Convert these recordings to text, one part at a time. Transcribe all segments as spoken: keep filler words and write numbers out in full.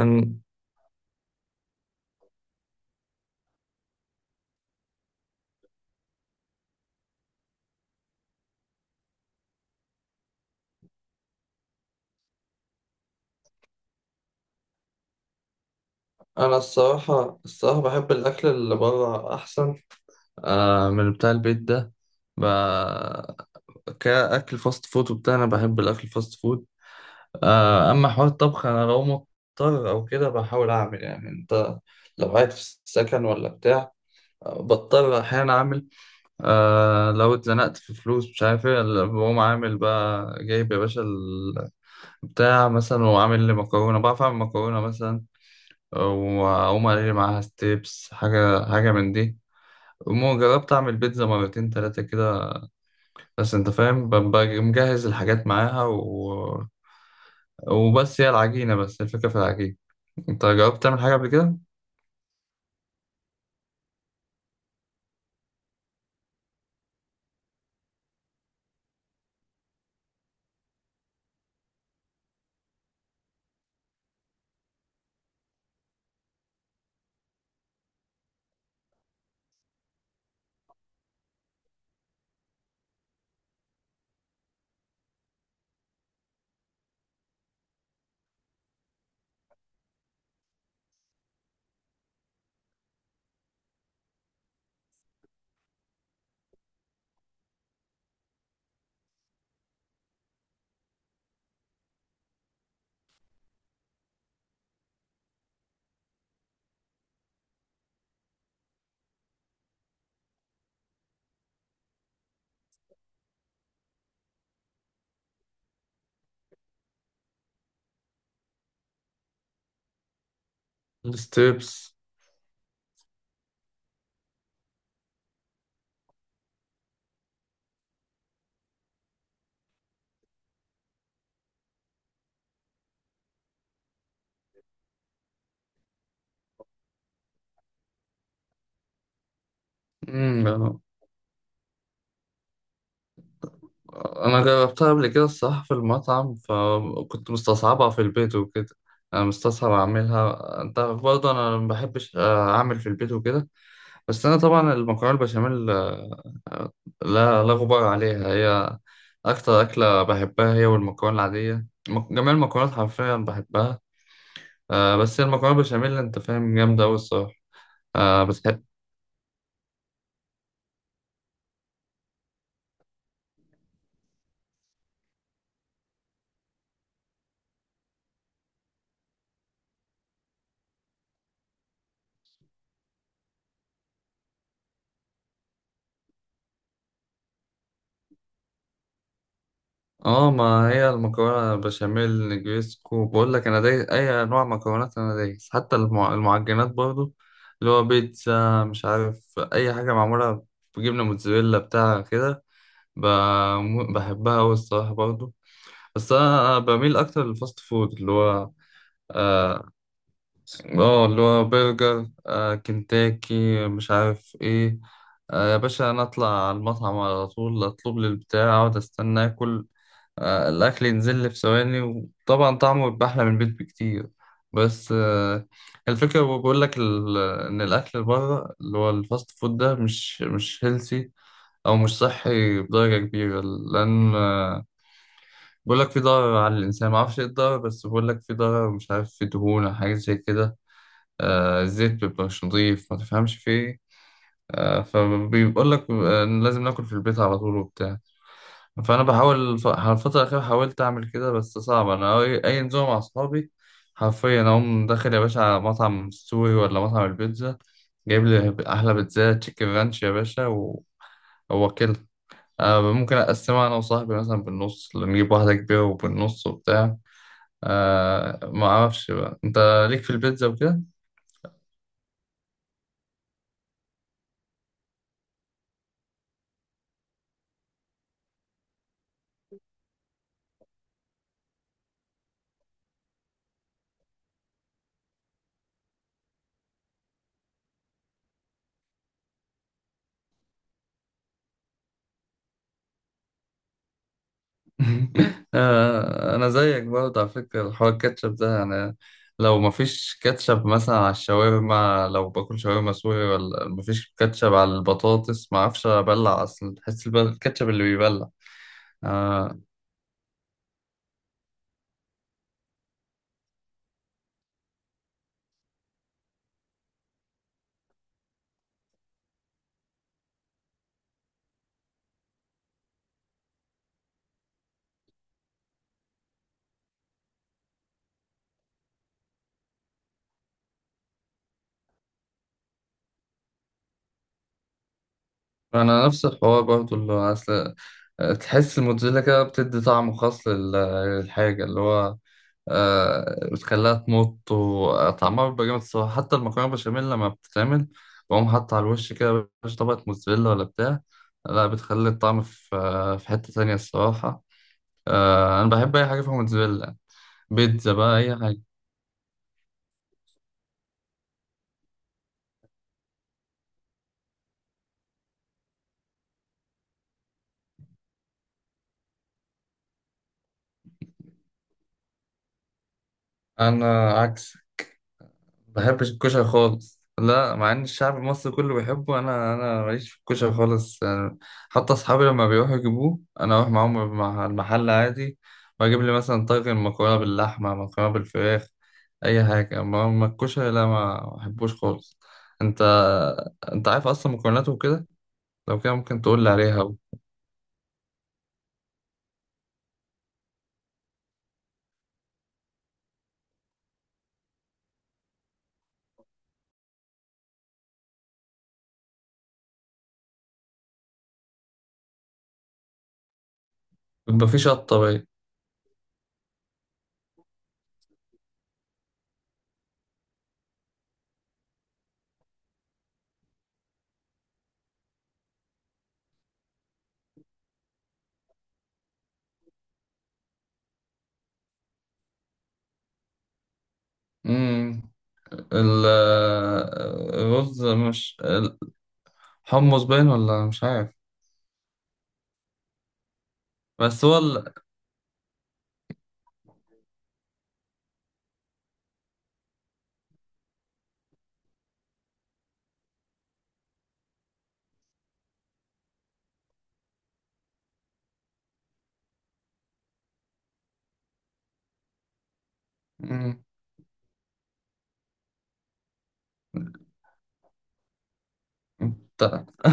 أن- أنا الصراحة الصراحة بحب الأكل اللي بره أحسن. آه، من بتاع البيت ده ب... كأكل فاست فود وبتاع. أنا بحب الأكل الفاست فود. آه، أما حوار الطبخ أنا لو مضطر أو كده بحاول أعمل، يعني أنت لو قاعد في السكن ولا بتاع، آه، بضطر أحيانا أعمل. آه، لو اتزنقت في فلوس مش عارف إيه، لا، بقوم عامل بقى جايب يا باشا ال- بتاع مثلا وعامل لي مكرونة، بعرف أعمل مكرونة مثلا، وأقوم أقلي معاها ستيبس، حاجة حاجة من دي. المهم جربت أعمل بيتزا مرتين تلاتة كده، بس أنت فاهم ببقى مجهز الحاجات معاها و... وبس هي العجينة، بس الفكرة في العجينة. أنت جربت تعمل حاجة قبل كده؟ ستيبس. أمم، أنا جربتها قبل كده الصراحة في المطعم، فكنت مستصعبها في البيت وكده. أنا مستصعب أعملها أنت برضه، أنا ما بحبش أعمل في البيت وكده. بس أنا طبعا المكرونة البشاميل، آه، آه، لا لا غبار عليها، هي أكتر أكلة بحبها، هي والمكرونة العادية، مك- جميع المكرونات حرفيا بحبها. آه، بس هي المكرونة البشاميل أنت فاهم جامدة أوي الصراحة. آه، بتحب. اه، ما هي المكرونة بشاميل نجريسكو، بقول لك أنا دايس أي أنواع مكرونات، أنا دايس حتى المع- المعجنات برضو، اللي هو بيتزا مش عارف أي حاجة معمولة بجبنة موتزاريلا بتاع كده، ب- بحبها أوي الصراحة برضو. بس انا بميل اكتر للفاست فود اللي هو. اه. آه، اللي هو برجر، آه، كنتاكي، مش عارف ايه. آه، يا باشا انا اطلع على المطعم على طول، اطلب لي البتاع، اقعد استنى اكل. آه، الاكل ينزل لي في ثواني، وطبعا طعمه بيبقى احلى من البيت بكتير. بس آه، الفكره بقول لك ال- ان الاكل بره اللي هو الفاست فود ده مش مش هيلثي او مش صحي بدرجه كبيره، لان آه، بقول لك في ضرر على الإنسان، ما أعرفش إيه الضرر، بس بقول لك في ضرر، مش عارف، في دهون أو حاجة زي كده. آه، الزيت مبيبقاش نضيف، ما تفهمش في إيه. آه، فبيقول لك آه، إن لازم ناكل في البيت على طول وبتاع. فأنا بحاول ف- على الفترة الأخيرة حاولت أعمل كده، بس صعب، أنا أي أي نزومة مع أصحابي حرفيا أقوم داخل يا باشا على مطعم سوري ولا مطعم البيتزا، جايب لي أحلى بيتزا تشيكن رانش يا باشا و... هو كده. آه، ممكن أقسمها أنا وصاحبي مثلا بالنص، نجيب واحدة كبيرة وبالنص وبتاع. آه، ما اعرفش بقى انت ليك في البيتزا وكده. آه، انا زيك برضه على فكره الحوار الكاتشب ده، يعني لو ما فيش كاتشب مثلا على الشاورما، لو باكل شاورما سوري ولا ما فيش كاتشب على البطاطس، ما اعرفش ابلع اصلا، تحس الب- الكاتشب اللي بيبلع. آه، انا نفس الحوار برضه، اللي هو اصل تحس الموتزاريلا كده بتدي طعم خاص لل- للحاجة اللي هو، آه، بتخليها تمط وطعمها بيبقى جامد الصراحة. حتى المكرونة بشاميل لما بتتعمل بقوم حاطط على الوش كده مش طبقة موتزاريلا ولا بتاع، لا، بتخلي الطعم في آه، في حتة تانية الصراحة. آه، أنا بحب أي حاجة فيها موتزاريلا، بيتزا بقى أي حاجة. أنا عكسك، ما بحبش الكشري خالص، لا، مع ان الشعب المصري كله بيحبه، انا انا ماليش في الكشري خالص يعني. حتى اصحابي لما بيروحوا يجيبوه انا اروح معاهم مع المحل عادي، واجيب لي مثلا طاجن مكرونه باللحمه، مكرونه بالفراخ، اي حاجه، اما أما الكشري لا، ما بحبوش خالص. انت، انت عارف اصلا مكوناته وكده؟ لو كده ممكن تقول لي عليها. يبقى في شطه بقى. امم ال- الرز مش، الحمص باين، ولا مش عارف. بس هو ال... انت.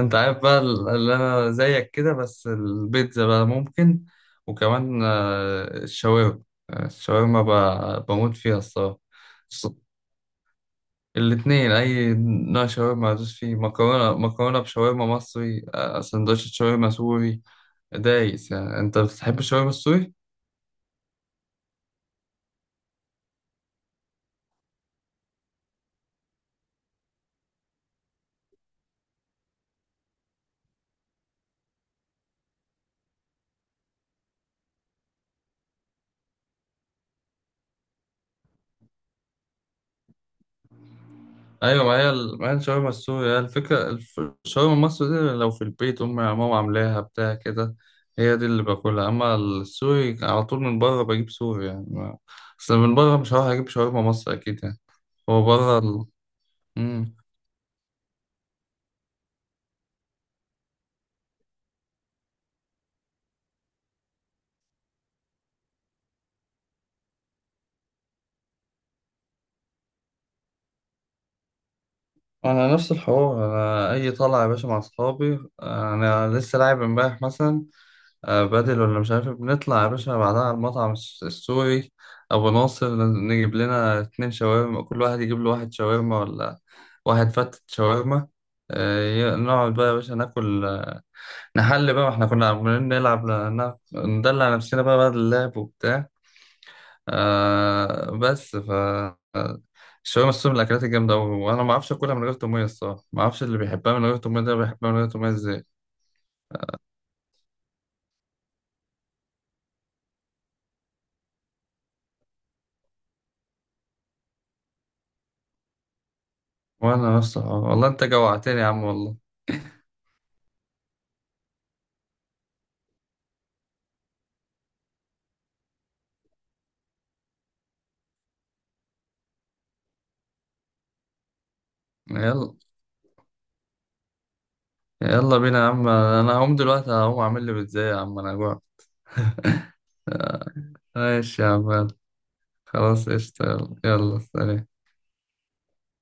انت عارف بقى ال- اللي انا زيك كده، بس البيتزا بقى ممكن، وكمان آه، الشاورما. آه، الشاورما ب- بموت فيها الصراحة. ص- الاتنين، اي نوع شاورما ادوس فيه، مكرونة، مكرونة بشاورما مصري، آه، سندوتش شاورما سوري، دايس يعني. انت بتحب الشاورما السوري؟ ايوه، ما هي ال- ما هي الشاورما السوري هي الفكره، الف- الشاورما المصري دي لو في البيت امي ماما عاملاها بتاع كده، هي دي اللي باكلها، اما السوري على طول من بره بجيب سوري يعني، ما- اصل من بره مش هروح اجيب شاورما مصري اكيد يعني. هو بره ال... مم. انا نفس الحوار، انا اي طلعه يا باشا مع اصحابي، انا لسه لاعب امبارح مثلا، آه، بدل ولا مش عارف، بنطلع يا باشا بعدها على المطعم الس- السوري أبو ناصر، نجيب لنا اتنين شاورما، كل واحد يجيب له واحد شاورما ولا واحد فتة شاورما، آه، ي- نقعد بقى يا باشا ناكل، آه، نحل بقى، ما احنا كنا عمالين نلعب ن- ن- ندلع نفسنا بقى بعد اللعب وبتاع. آه، بس ف، آه، الشاورما السوري من الأكلات الجامدة أوي، وأنا ما أعرفش أكلها من غير تومية الصراحة، ما أعرفش اللي بيحبها من غير تومية ده بيحبها من غير تومية إزاي. وأنا نفسي والله، أنت جوعتني يا عم والله. يلا، يلا بينا يا عم، انا هقوم دلوقتي هقوم اعمل لي بيتزا يا عم، انا جوعت. آه، ماشي يا عم، خلاص قشطة. يلا يلا سلام.